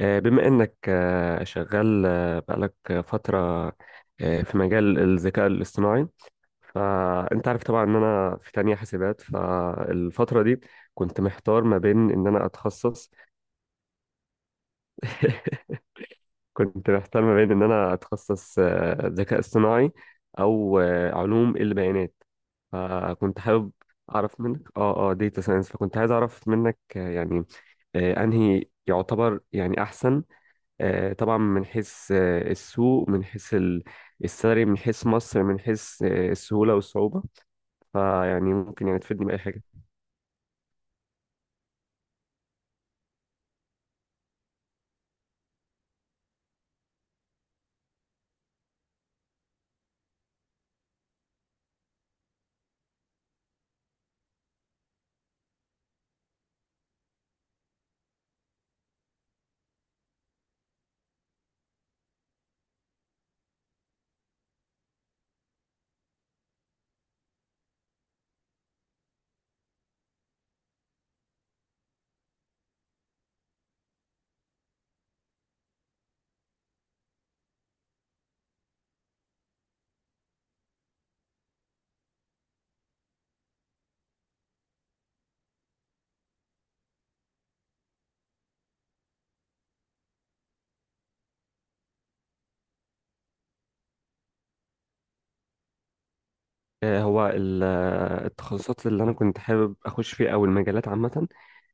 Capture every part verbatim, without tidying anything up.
آه، بما إنك آه، شغال آه، بقالك فترة آه، في مجال الذكاء الاصطناعي. فأنت عارف طبعا إن أنا في تانية حاسبات، فالفترة دي كنت محتار ما بين إن أنا أتخصص. كنت محتار ما بين إن أنا أتخصص آه، ذكاء اصطناعي أو آه، علوم البيانات، فكنت حابب أعرف منك آه آه داتا ساينس. فكنت عايز أعرف منك، آه، يعني آه، أنهي يعتبر يعني أحسن، آه، طبعا من حيث آه، السوق، من حيث ال- السالري، من حيث مصر، من حيث آه، السهولة والصعوبة. فيعني ممكن يعني تفيدني بأي حاجة؟ آه، هو ال- آه، التخصصات اللي أنا كنت حابب أخش فيها أو المجالات عامة،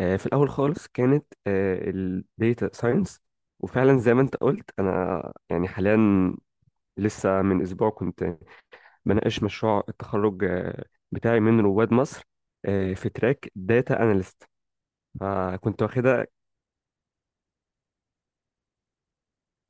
آه، في الأول خالص كانت الديتا ساينس. وفعلا زي ما أنت قلت، أنا يعني حاليا لسه من أسبوع كنت بناقش مشروع التخرج آه، بتاعي من رواد مصر، آه، في تراك داتا أناليست، فكنت واخدها.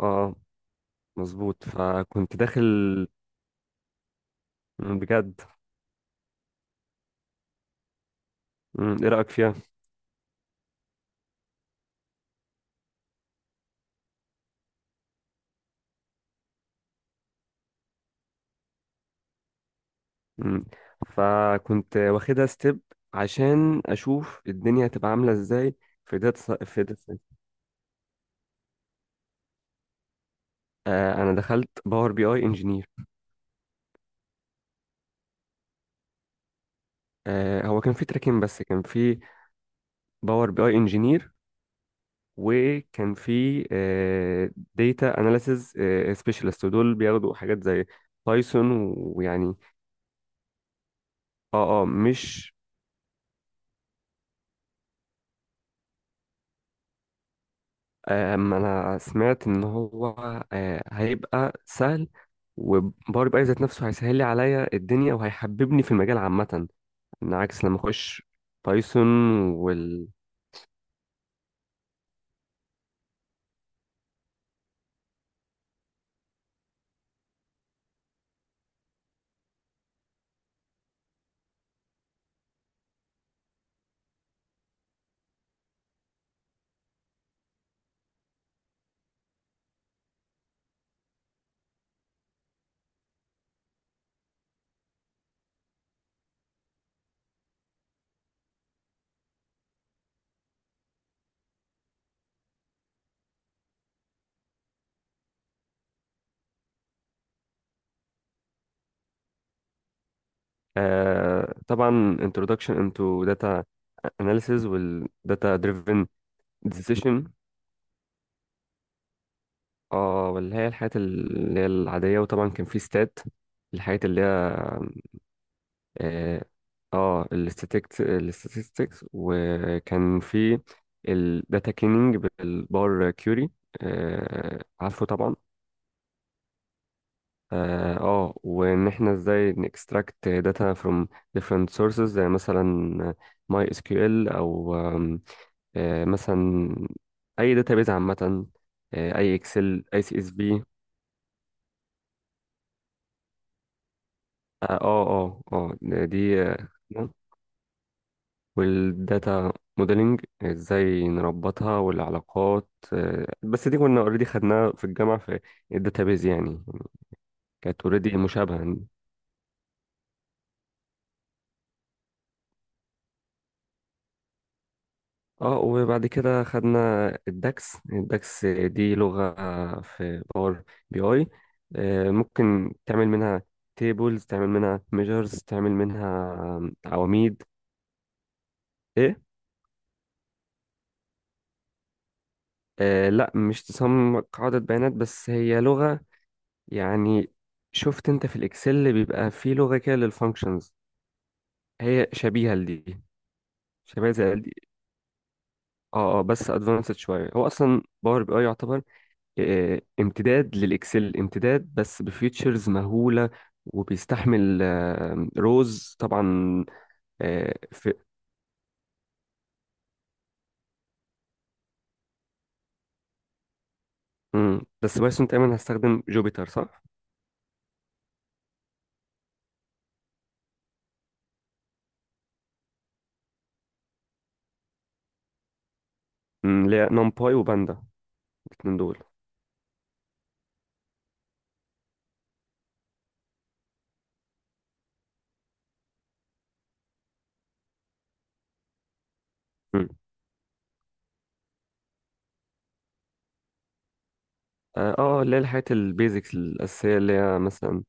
اه مظبوط، فكنت داخل. مم، بجد. مم، ايه رأيك فيها. مم. فكنت واخدها ستيب عشان اشوف الدنيا هتبقى عاملة ازاي في داتا، في داتا ساينس. آه انا دخلت باور بي اي انجينير. آه هو كان في تراكين، بس كان في باور بي اي انجينير، وكان في آه داتا اناليسز آه سبيشالست، ودول بياخدوا حاجات زي بايثون ويعني اه اه مش. أما أنا سمعت إن هو آه، هيبقى سهل، وباور بي أي ذات نفسه هيسهل لي عليا الدنيا وهيحببني في المجال عامة، إن عكس لما أخش بايثون. وال آه، طبعا introduction into data analysis وال data driven decision، اه واللي هي الحاجات اللي هي العادية، وطبعا كان في stat، الحاجات اللي هي، اه آه، الاستاتيكس الاستاتيكس، وكان في الداتا كليننج بالبار كيوري آه عارفه طبعا. اه آه، وان احنا ازاي نكستراكت داتا from different sources، زي مثلا ماي اس كيو ال، او آم، آه مثلا اي داتابيز عامه، آه، اي اكسل، اي سي اس بي. اه اه اه آه، دي آه، والداتا موديلنج ازاي نربطها والعلاقات، آه، بس دي كنا اوريدي خدناها في الجامعة في الداتابيز يعني. كانت اوريدي مشابهة يعني. اه وبعد كده خدنا الداكس. الداكس دي لغة في باور بي اي، آه، ممكن تعمل منها تيبلز، تعمل منها ميجرز، تعمل منها عواميد. ايه. آه لا، مش تصمم قاعدة بيانات، بس هي لغة يعني. شفت انت في الاكسل اللي بيبقى فيه لغه كده للفانكشنز؟ هي شبيهه لدي، شبيهه زي دي. اه اه بس ادفانسد شويه. هو اصلا باور بي اي يعتبر آه، امتداد للاكسل، امتداد بس بفيتشرز مهوله، وبيستحمل روز طبعا. آه، في مم. بس بايثون تقريبا هستخدم جوبيتر صح؟ مم، اللي هي نمباي وباندا الاثنين دول. مم. اه آه، اللي هي الحاجات البيزكس الاساسيه اللي هي مثلا.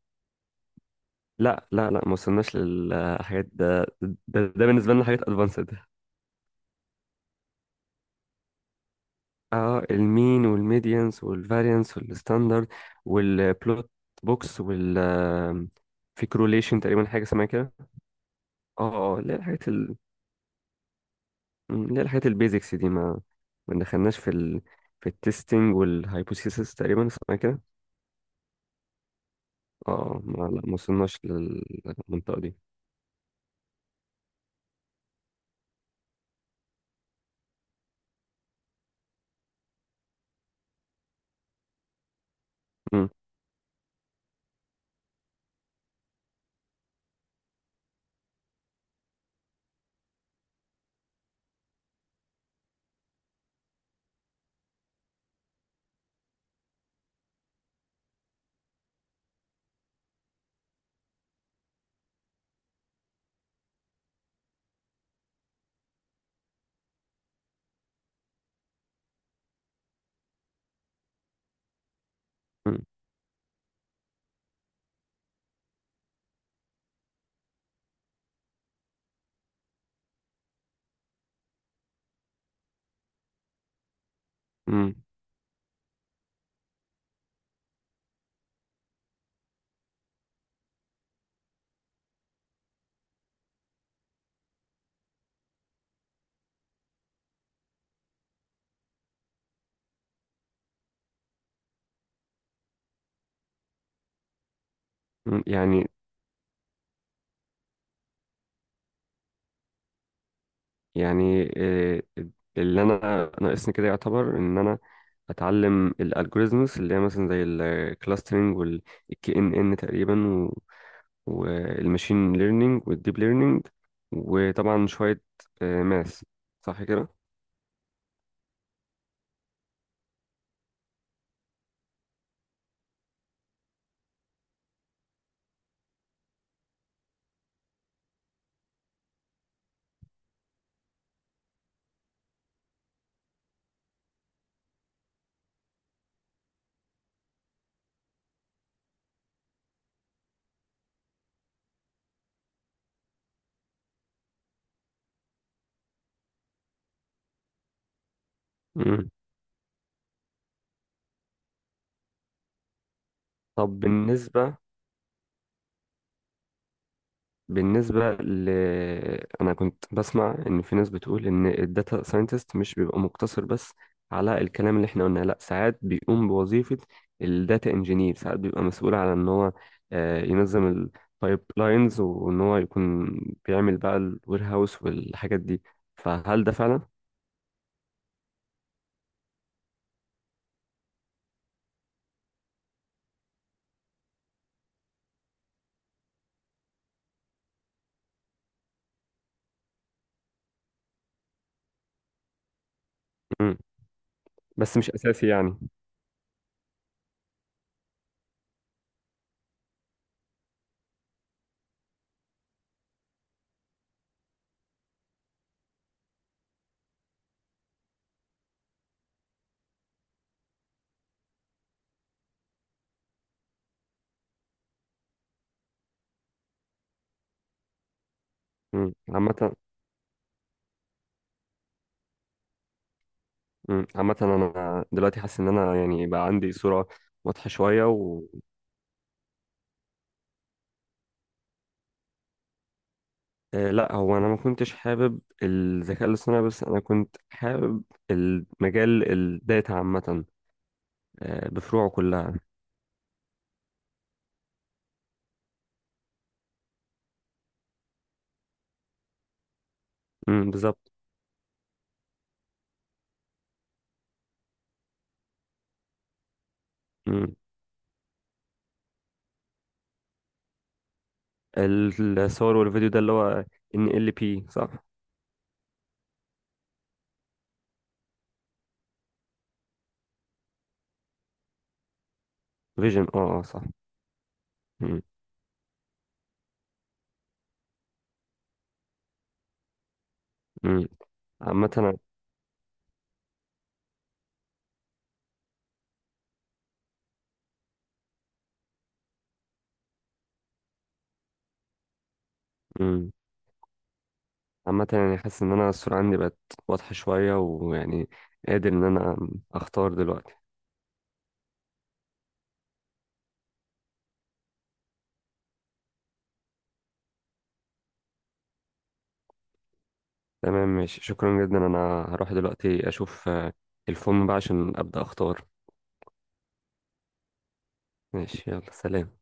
لا لا لا، ما وصلناش للحاجات ده ده, ده, بالنسبه لنا حاجات ادفانسد. اه، المين والميديانس والفاريانس والستاندرد والبلوت بوكس، وال في كروليشن تقريبا حاجه اسمها كده. اه اه اللي هي الحاجات ال... اللي هي الحاجات البيزكس دي، ما ما دخلناش في ال... في التستنج والهايبوثيسيس تقريبا اسمها كده. اه ما، لا ما وصلناش للمنطقه دي. مم، مم، مم، مم. يعني يعني آه، اللي انا ناقصني كده يعتبر ان انا اتعلم الالجوريزمز، اللي هي مثلا زي الكلاسترنج والكي ان ان تقريبا والماشين ليرنينج والديب ليرنينج، وطبعا شويه ماث، صح كده؟ مم. طب بالنسبه بالنسبة ل أنا كنت بسمع إن في ناس بتقول إن الداتا ساينتست مش بيبقى مقتصر بس على الكلام اللي إحنا قلناه، لأ، ساعات بيقوم بوظيفة الداتا إنجينير، ساعات بيبقى مسؤول على إن هو آه، ينظم البايب لاينز، وإن هو يكون بيعمل بقى الوير هاوس والحاجات دي. فهل ده فعلا؟ مم. بس مش أساسي يعني. مم. عامة. مم. عامة أنا دلوقتي حاسس إن أنا يعني بقى عندي صورة واضحة شوية. آه، لا، هو انا ما كنتش حابب الذكاء الاصطناعي، بس انا كنت حابب المجال الداتا عامه، آه، بفروعه كلها. امم، بالظبط. امم. الصور والفيديو ده اللي هو ان ال بي صح؟ فيجن، اه اه صح. امم. امم. عامه أنا. امم. عامه يعني حاسس ان انا الصوره عندي بقت واضحه شويه، ويعني قادر ان انا اختار دلوقتي. تمام، ماشي، شكرا جدا. انا هروح دلوقتي اشوف آه، الفورم بقى عشان ابدا اختار. ماشي يلا سلام.